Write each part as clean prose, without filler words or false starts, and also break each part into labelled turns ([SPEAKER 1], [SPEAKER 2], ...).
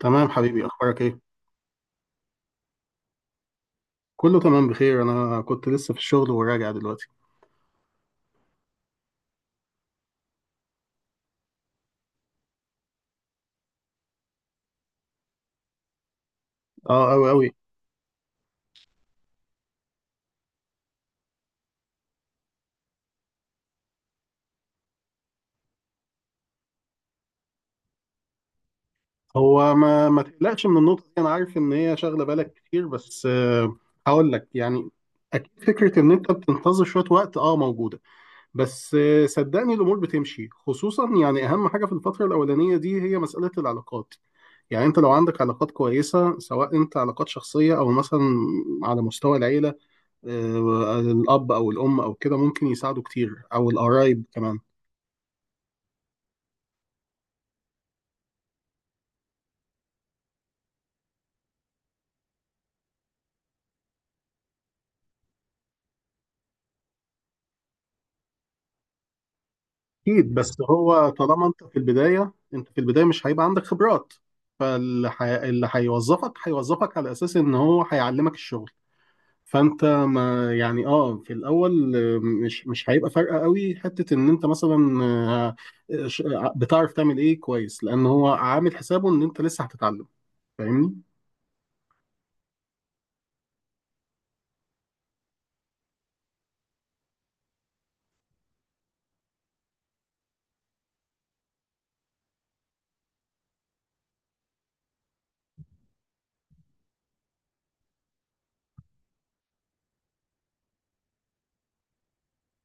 [SPEAKER 1] تمام حبيبي، اخبارك ايه؟ كله تمام، بخير. انا كنت لسه في الشغل وراجع دلوقتي. اه اوي اوي. هو ما تقلقش من النقطه دي، انا عارف ان هي شاغله بالك كتير، بس هقول لك يعني اكيد فكره ان انت بتنتظر شويه وقت اه موجوده، بس صدقني الامور بتمشي. خصوصا يعني اهم حاجه في الفتره الاولانيه دي هي مساله العلاقات. يعني انت لو عندك علاقات كويسه، سواء انت علاقات شخصيه او مثلا على مستوى العيله، الاب او الام او كده، ممكن يساعدوا كتير، او القرايب كمان. اكيد، بس هو طالما انت في البدايه، انت في البدايه مش هيبقى عندك خبرات. اللي هيوظفك هيوظفك على اساس ان هو هيعلمك الشغل. فانت ما يعني اه في الاول، مش هيبقى فارقه قوي حته ان انت مثلا بتعرف تعمل ايه كويس، لان هو عامل حسابه ان انت لسه هتتعلم. فاهمني؟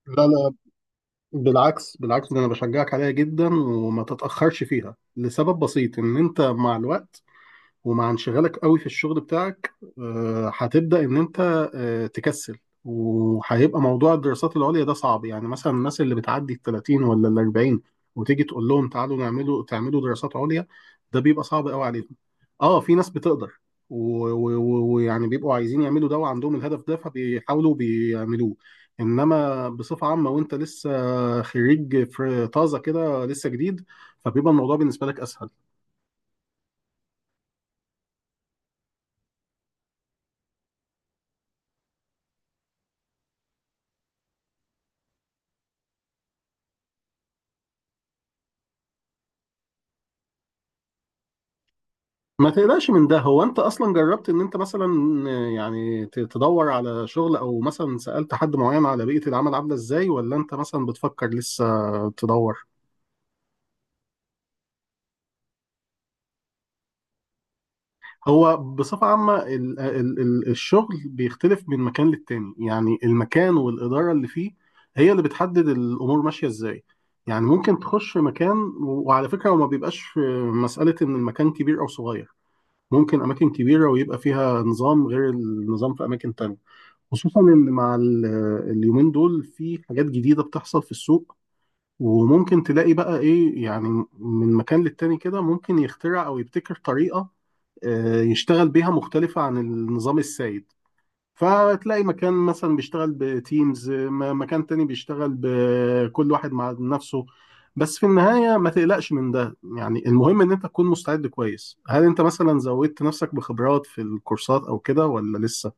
[SPEAKER 1] لا لا، بالعكس بالعكس، ده انا بشجعك عليها جدا وما تتاخرش فيها، لسبب بسيط ان انت مع الوقت ومع انشغالك قوي في الشغل بتاعك، هتبدأ إن أنت تكسل. وهيبقى موضوع الدراسات العليا ده صعب. يعني مثلا الناس اللي بتعدي ال 30 ولا ال 40، وتيجي تقول لهم تعالوا تعملوا دراسات عليا، ده بيبقى صعب قوي عليهم. اه، في ناس بتقدر ويعني بيبقوا عايزين يعملوا ده وعندهم الهدف ده، فبيحاولوا بيعملوه. انما بصفة عامة وانت لسه خريج في طازة كده، لسه جديد، فبيبقى الموضوع بالنسبة لك اسهل. ما تقلقش من ده. هو انت اصلا جربت ان انت مثلا يعني تدور على شغل، او مثلا سألت حد معين على بيئة العمل عاملة ازاي، ولا انت مثلا بتفكر لسه تدور؟ هو بصفة عامة ال ال ال الشغل بيختلف من مكان للتاني. يعني المكان والإدارة اللي فيه هي اللي بتحدد الأمور ماشية ازاي. يعني ممكن تخش مكان، وعلى فكرة، وما بيبقاش مسألة ان المكان كبير او صغير. ممكن اماكن كبيرة ويبقى فيها نظام غير النظام في اماكن تانية. خصوصا ان مع اليومين دول في حاجات جديده بتحصل في السوق، وممكن تلاقي بقى ايه يعني من مكان للتاني كده، ممكن يخترع او يبتكر طريقه يشتغل بيها مختلفه عن النظام السائد. فتلاقي مكان مثلا بيشتغل بتيمز، مكان تاني بيشتغل بكل واحد مع نفسه. بس في النهاية ما تقلقش من ده، يعني المهم ان انت تكون مستعد كويس. هل انت مثلا زودت نفسك بخبرات في الكورسات او كده، ولا لسه؟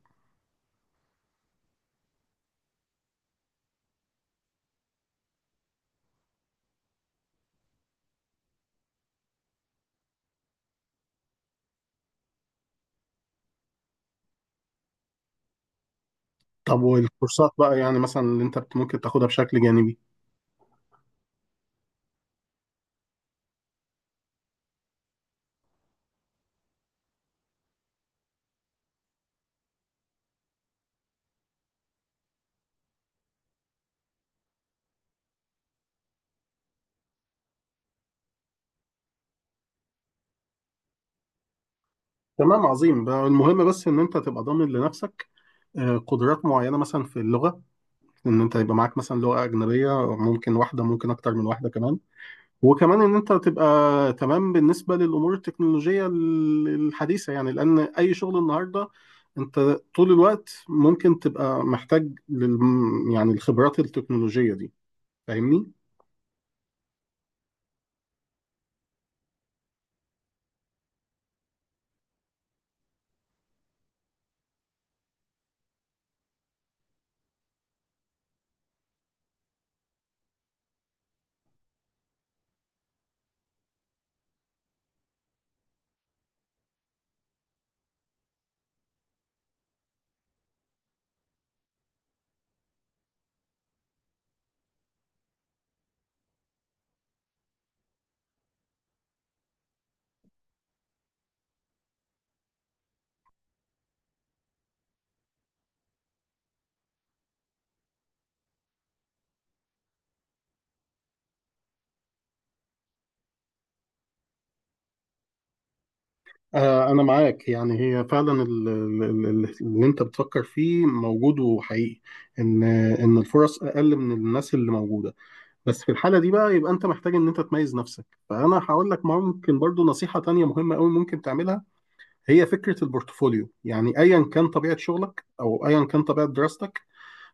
[SPEAKER 1] طب والكورسات بقى، يعني مثلا اللي انت ممكن تاخدها بشكل جانبي؟ تمام عظيم بقى. المهم بس ان انت تبقى ضامن لنفسك قدرات معينة، مثلا في اللغة، ان انت يبقى معاك مثلا لغة أجنبية، ممكن واحدة ممكن أكتر من واحدة كمان. وكمان ان انت تبقى تمام بالنسبة للأمور التكنولوجية الحديثة، يعني لأن أي شغل النهاردة انت طول الوقت ممكن تبقى محتاج لل يعني الخبرات التكنولوجية دي. فاهمني؟ أنا معاك. يعني هي فعلا اللي أنت بتفكر فيه موجود وحقيقي، إن الفرص أقل من الناس اللي موجودة. بس في الحالة دي بقى يبقى أنت محتاج إن أنت تميز نفسك. فأنا هقول لك ممكن برضو نصيحة تانية مهمة أوي ممكن تعملها، هي فكرة البورتفوليو. يعني أيا كان طبيعة شغلك أو أيا كان طبيعة دراستك،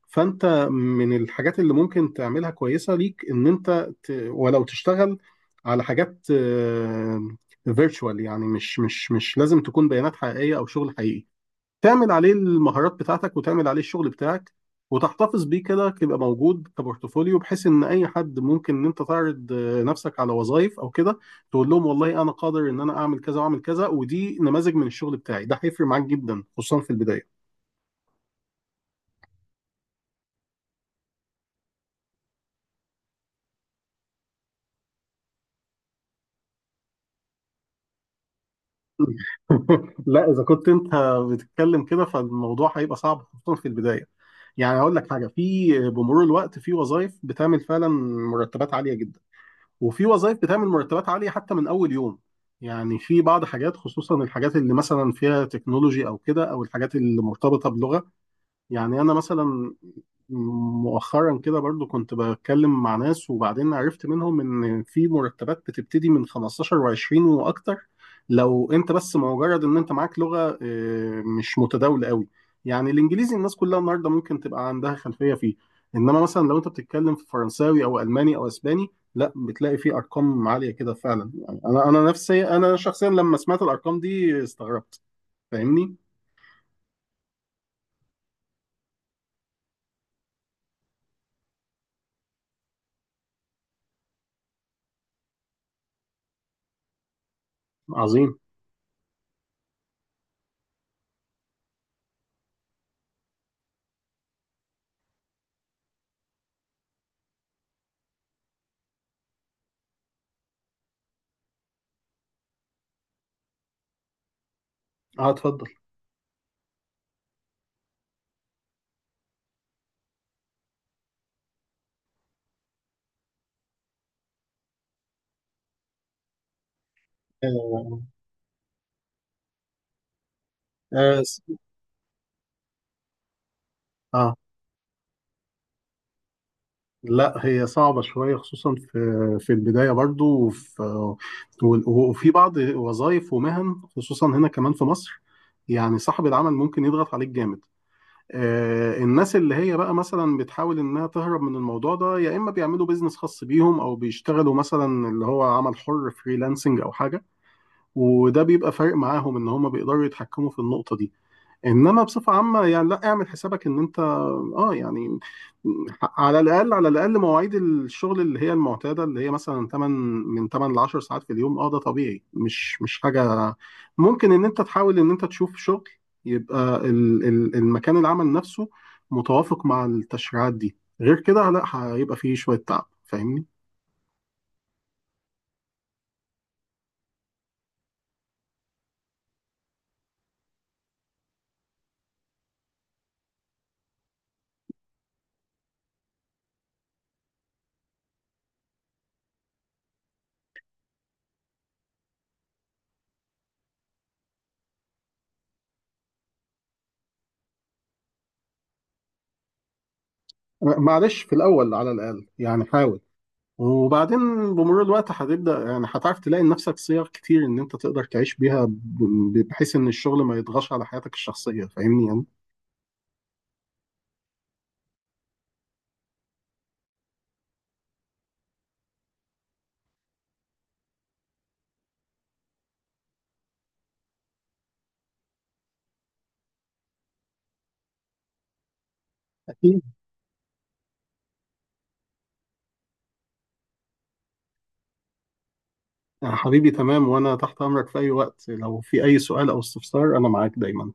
[SPEAKER 1] فانت من الحاجات اللي ممكن تعملها كويسه ليك ان انت ولو تشتغل على حاجات فيرتشوال، يعني مش لازم تكون بيانات حقيقيه او شغل حقيقي، تعمل عليه المهارات بتاعتك وتعمل عليه الشغل بتاعك وتحتفظ بيه كده، يبقى موجود كبورتفوليو، بحيث ان اي حد ممكن ان انت تعرض نفسك على وظائف او كده، تقول لهم والله انا قادر ان انا اعمل كذا واعمل كذا، ودي نماذج من الشغل بتاعي. ده هيفرق معاك جدا خصوصا في البدايه. لا، اذا كنت انت بتتكلم كده فالموضوع هيبقى صعب خصوصا في البدايه. يعني هقول لك حاجه، في بمرور الوقت في وظائف بتعمل فعلا مرتبات عاليه جدا، وفي وظائف بتعمل مرتبات عاليه حتى من اول يوم. يعني في بعض حاجات خصوصا الحاجات اللي مثلا فيها تكنولوجي او كده، او الحاجات اللي مرتبطه بلغه. يعني انا مثلا مؤخرا كده برضو كنت بتكلم مع ناس، وبعدين عرفت منهم ان في مرتبات بتبتدي من 15 و20 واكتر، لو انت بس مجرد ان انت معاك لغة مش متداولة قوي. يعني الانجليزي الناس كلها النهارده ممكن تبقى عندها خلفية فيه، انما مثلا لو انت بتتكلم في فرنساوي او الماني او اسباني، لا بتلاقي فيه ارقام عالية كده فعلا. يعني انا نفسي، انا شخصيا، لما سمعت الارقام دي استغربت. فاهمني؟ عظيم. اه اتفضل. آه، آه، اه. لا هي صعبة شوية، خصوصا في في البداية برضو، وفي وفي بعض وظائف ومهن، خصوصا هنا كمان في مصر. يعني صاحب العمل ممكن يضغط عليك جامد. آه، الناس اللي هي بقى مثلا بتحاول انها تهرب من الموضوع ده، يا اما بيعملوا بيزنس خاص بيهم، او بيشتغلوا مثلا اللي هو عمل حر فريلانسنج او حاجة، وده بيبقى فارق معاهم ان هم بيقدروا يتحكموا في النقطة دي. انما بصفه عامه يعني لا، اعمل حسابك ان انت اه يعني على الاقل على الاقل مواعيد الشغل اللي هي المعتاده اللي هي مثلا 8، من 8 ل 10 ساعات في اليوم، اه ده طبيعي، مش حاجه. ممكن ان انت تحاول ان انت تشوف شغل يبقى المكان العمل نفسه متوافق مع التشريعات دي، غير كده لا، هيبقى فيه شويه تعب. فاهمني؟ معلش، في الاول على الاقل يعني حاول، وبعدين بمرور الوقت هتبدأ يعني هتعرف تلاقي لنفسك صيغ كتير ان انت تقدر تعيش بيها، بحيث ان الشغل ما يضغطش على حياتك الشخصية. فاهمني يعني؟ أكيد. يا حبيبي تمام، وانا تحت امرك في اي وقت، لو في اي سؤال او استفسار انا معاك دايما.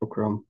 [SPEAKER 1] شكرا.